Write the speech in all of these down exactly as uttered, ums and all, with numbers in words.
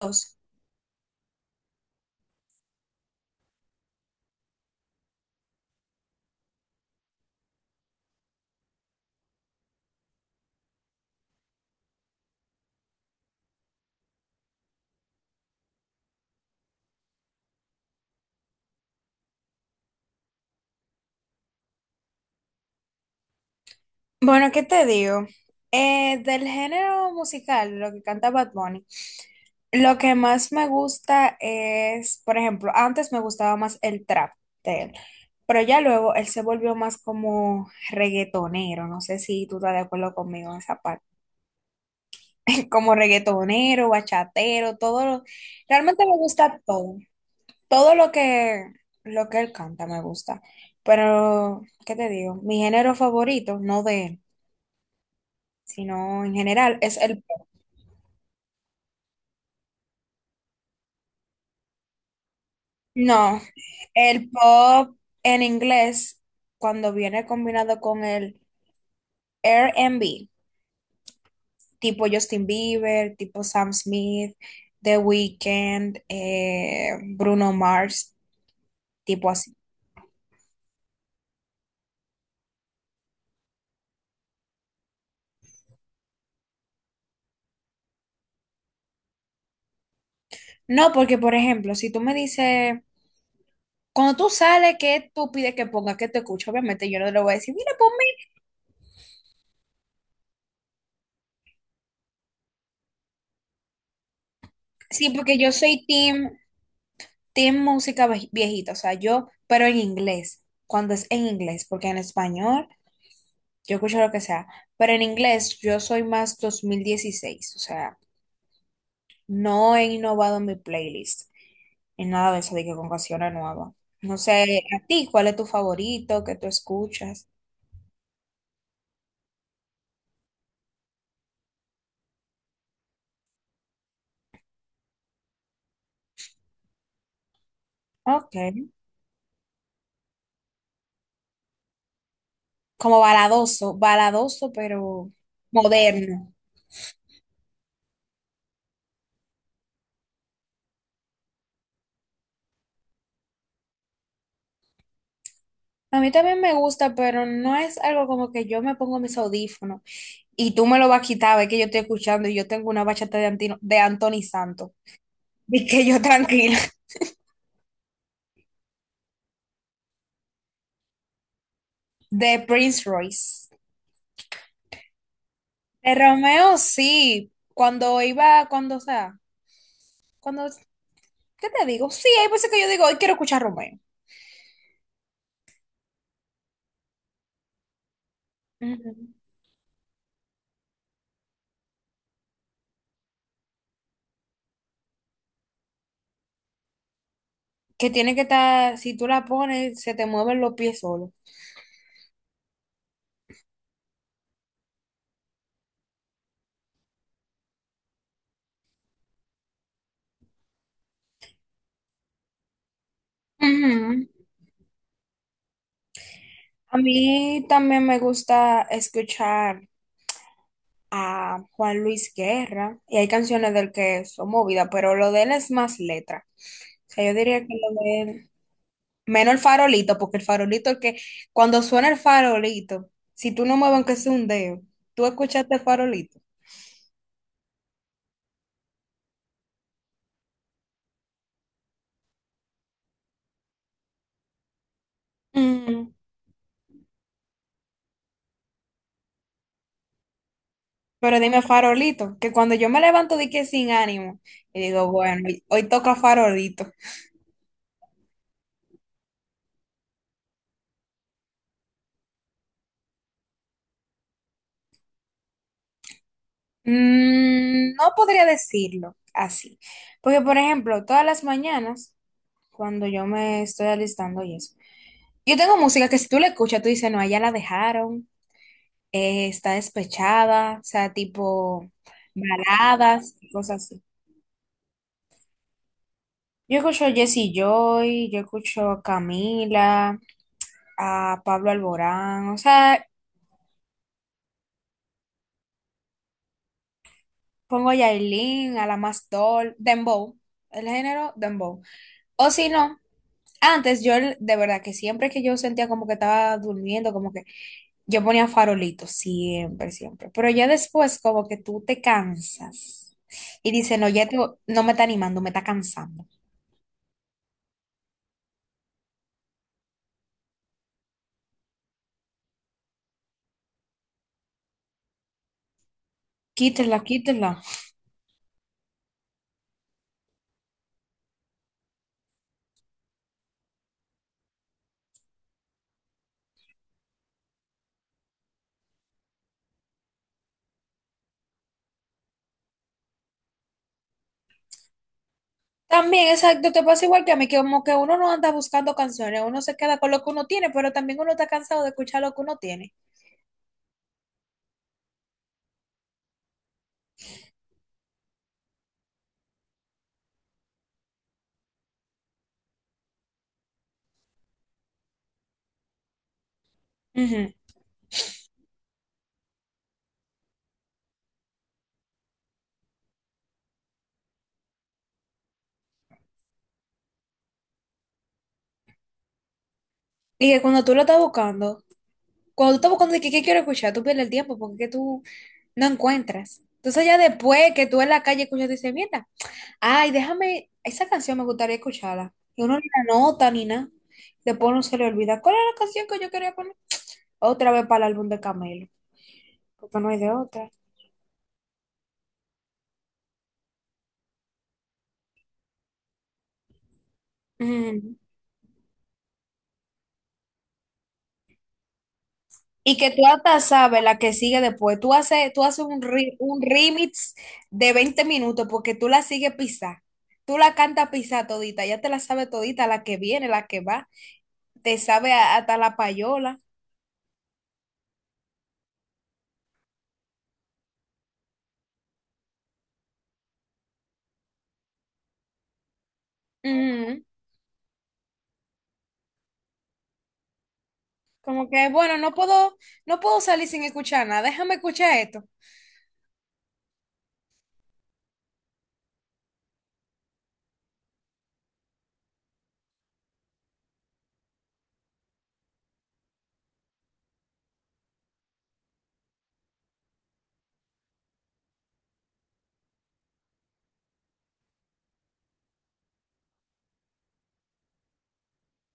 Dios. Bueno, ¿qué te digo? Eh, del género musical, lo que canta Bad Bunny, lo que más me gusta es, por ejemplo, antes me gustaba más el trap de él, pero ya luego él se volvió más como reggaetonero, no sé si tú estás de acuerdo conmigo en esa parte. Como reggaetonero, bachatero, todo lo- realmente me gusta todo, todo lo que, lo que él canta me gusta, pero, ¿qué te digo? Mi género favorito, no de él, sino en general. Es el, no, el pop en inglés, cuando viene combinado con el R and B, tipo Justin Bieber, tipo Sam Smith, The Weeknd, eh, Bruno Mars, tipo así. No, porque por ejemplo, si tú me dices, cuando tú sales, ¿qué tú pides que ponga, que te escucho? Obviamente yo no le voy a decir, mira, ponme. Sí, porque yo soy team, team música ve- viejita, o sea, yo, pero en inglés, cuando es en inglés, porque en español, yo escucho lo que sea, pero en inglés yo soy más dos mil dieciséis, o sea, no he innovado mi playlist en nada de eso, de que con canciones nuevas. No sé, a ti, ¿cuál es tu favorito que tú escuchas? Ok, como baladoso, baladoso, pero moderno. A mí también me gusta, pero no es algo como que yo me pongo mis audífonos y tú me lo vas a quitar, ves que yo estoy escuchando y yo tengo una bachata de, Antino- de Anthony Santos. Y que yo tranquila, de Prince Royce. De Romeo, sí. Cuando iba, cuando, o sea, cuando, ¿qué te digo? Sí, hay veces que yo digo, hoy quiero escuchar Romeo. Ujú. Que tiene que estar, si tú la pones, se te mueven los pies solos. Ujú. A mí también me gusta escuchar a Juan Luis Guerra, y hay canciones del que son movidas, pero lo de él es más letra. O sea, yo diría que lo de él. Menos el farolito, porque el farolito, el que cuando suena el farolito, si tú no mueves aunque sea un dedo, tú escuchaste el farolito. Mm. Pero dime farolito, que cuando yo me levanto de que sin ánimo, y digo, bueno, hoy hoy toca farolito. Mm, no podría decirlo así. Porque, por ejemplo, todas las mañanas, cuando yo me estoy alistando y eso, yo tengo música que si tú la escuchas, tú dices, no, allá la dejaron, eh, está despechada, o sea, tipo baladas y cosas así. Yo escucho a Jesse Joy, yo escucho a Camila, a Pablo Alborán, o sea, pongo a Yailin, a la más doll, Dembow, el género Dembow. O si no, antes yo el- de verdad que siempre que yo sentía como que estaba durmiendo, como que yo ponía farolitos, siempre, siempre. Pero ya después como que tú te cansas y dices, no, ya te- no me está animando, me está cansando. Quítela, quítela. También, exacto, te pasa igual que a mí, que como que uno no anda buscando canciones, uno se queda con lo que uno tiene, pero también uno está cansado de escuchar lo que uno tiene. Ujú. Y que cuando tú lo estás buscando, cuando tú estás buscando de que qué quiero escuchar, tú pierdes el tiempo porque es que tú no encuentras. Entonces ya después que tú en la calle escuchas, dices, mierda, ay, déjame, esa canción me gustaría escucharla. Y uno ni la nota ni nada. Después uno se le olvida, ¿cuál era la canción que yo quería poner? Otra vez para el álbum de Camelo, porque no hay de otra. Ujú. Y que tú hasta sabes la que sigue después. Tú haces, tú haces un, re- un remix de veinte minutos porque tú la sigues pisar. Tú la cantas pisar todita. Ya te la sabes todita, la que viene, la que va. Te sabe a- hasta la payola. Ujú. Como que, bueno, no puedo, no puedo salir sin escuchar nada. Déjame escuchar esto.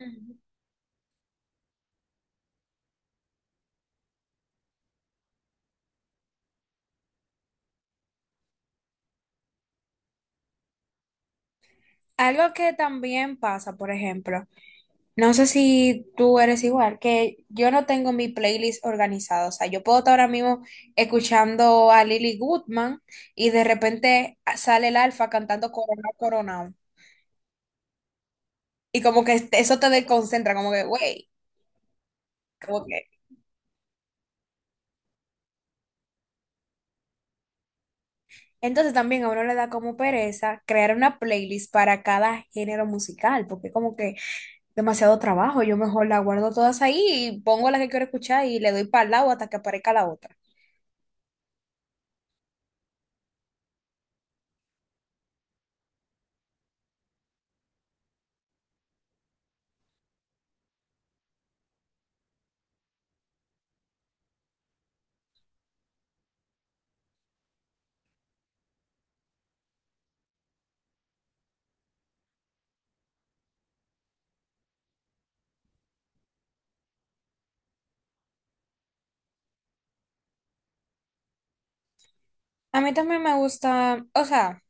Ujú. Algo que también pasa, por ejemplo. No sé si tú eres igual, que yo no tengo mi playlist organizada. O sea, yo puedo estar ahora mismo escuchando a Lily Goodman y de repente sale el Alfa cantando Coronao, Coronao. Y como que este- eso te desconcentra, como que, güey, como que. Entonces también a uno le da como pereza crear una playlist para cada género musical, porque como que demasiado trabajo. Yo mejor la guardo todas ahí y pongo la que quiero escuchar y le doy para el lado hasta que aparezca la otra. A mí también me gusta, o sea.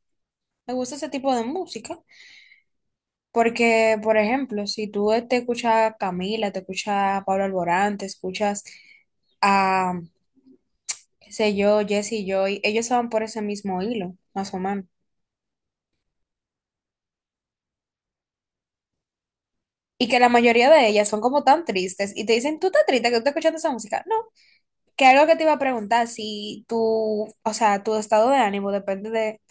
Me gusta ese tipo de música, porque, por ejemplo, si tú te escuchas a Camila, te escuchas a Pablo Alborán, te escuchas a, qué sé yo, Jesse Joy, ellos van por ese mismo hilo, más o menos. Y que la mayoría de ellas son como tan tristes y te dicen, ¿tú estás triste que tú estás escuchando esa música? No, que algo que te iba a preguntar, si tú, o sea, tu estado de ánimo depende de,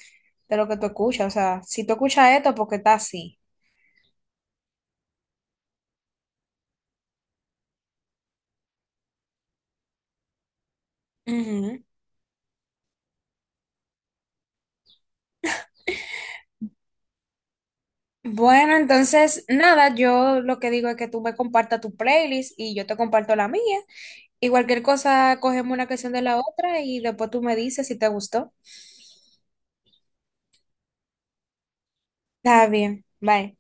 de lo que tú escuchas, o sea, si tú escuchas esto porque estás así. Ujú. Bueno, entonces, nada, yo lo que digo es que tú me compartas tu playlist y yo te comparto la mía. Y cualquier cosa, cogemos una canción de la otra y después tú me dices si te gustó. Está bien, bye.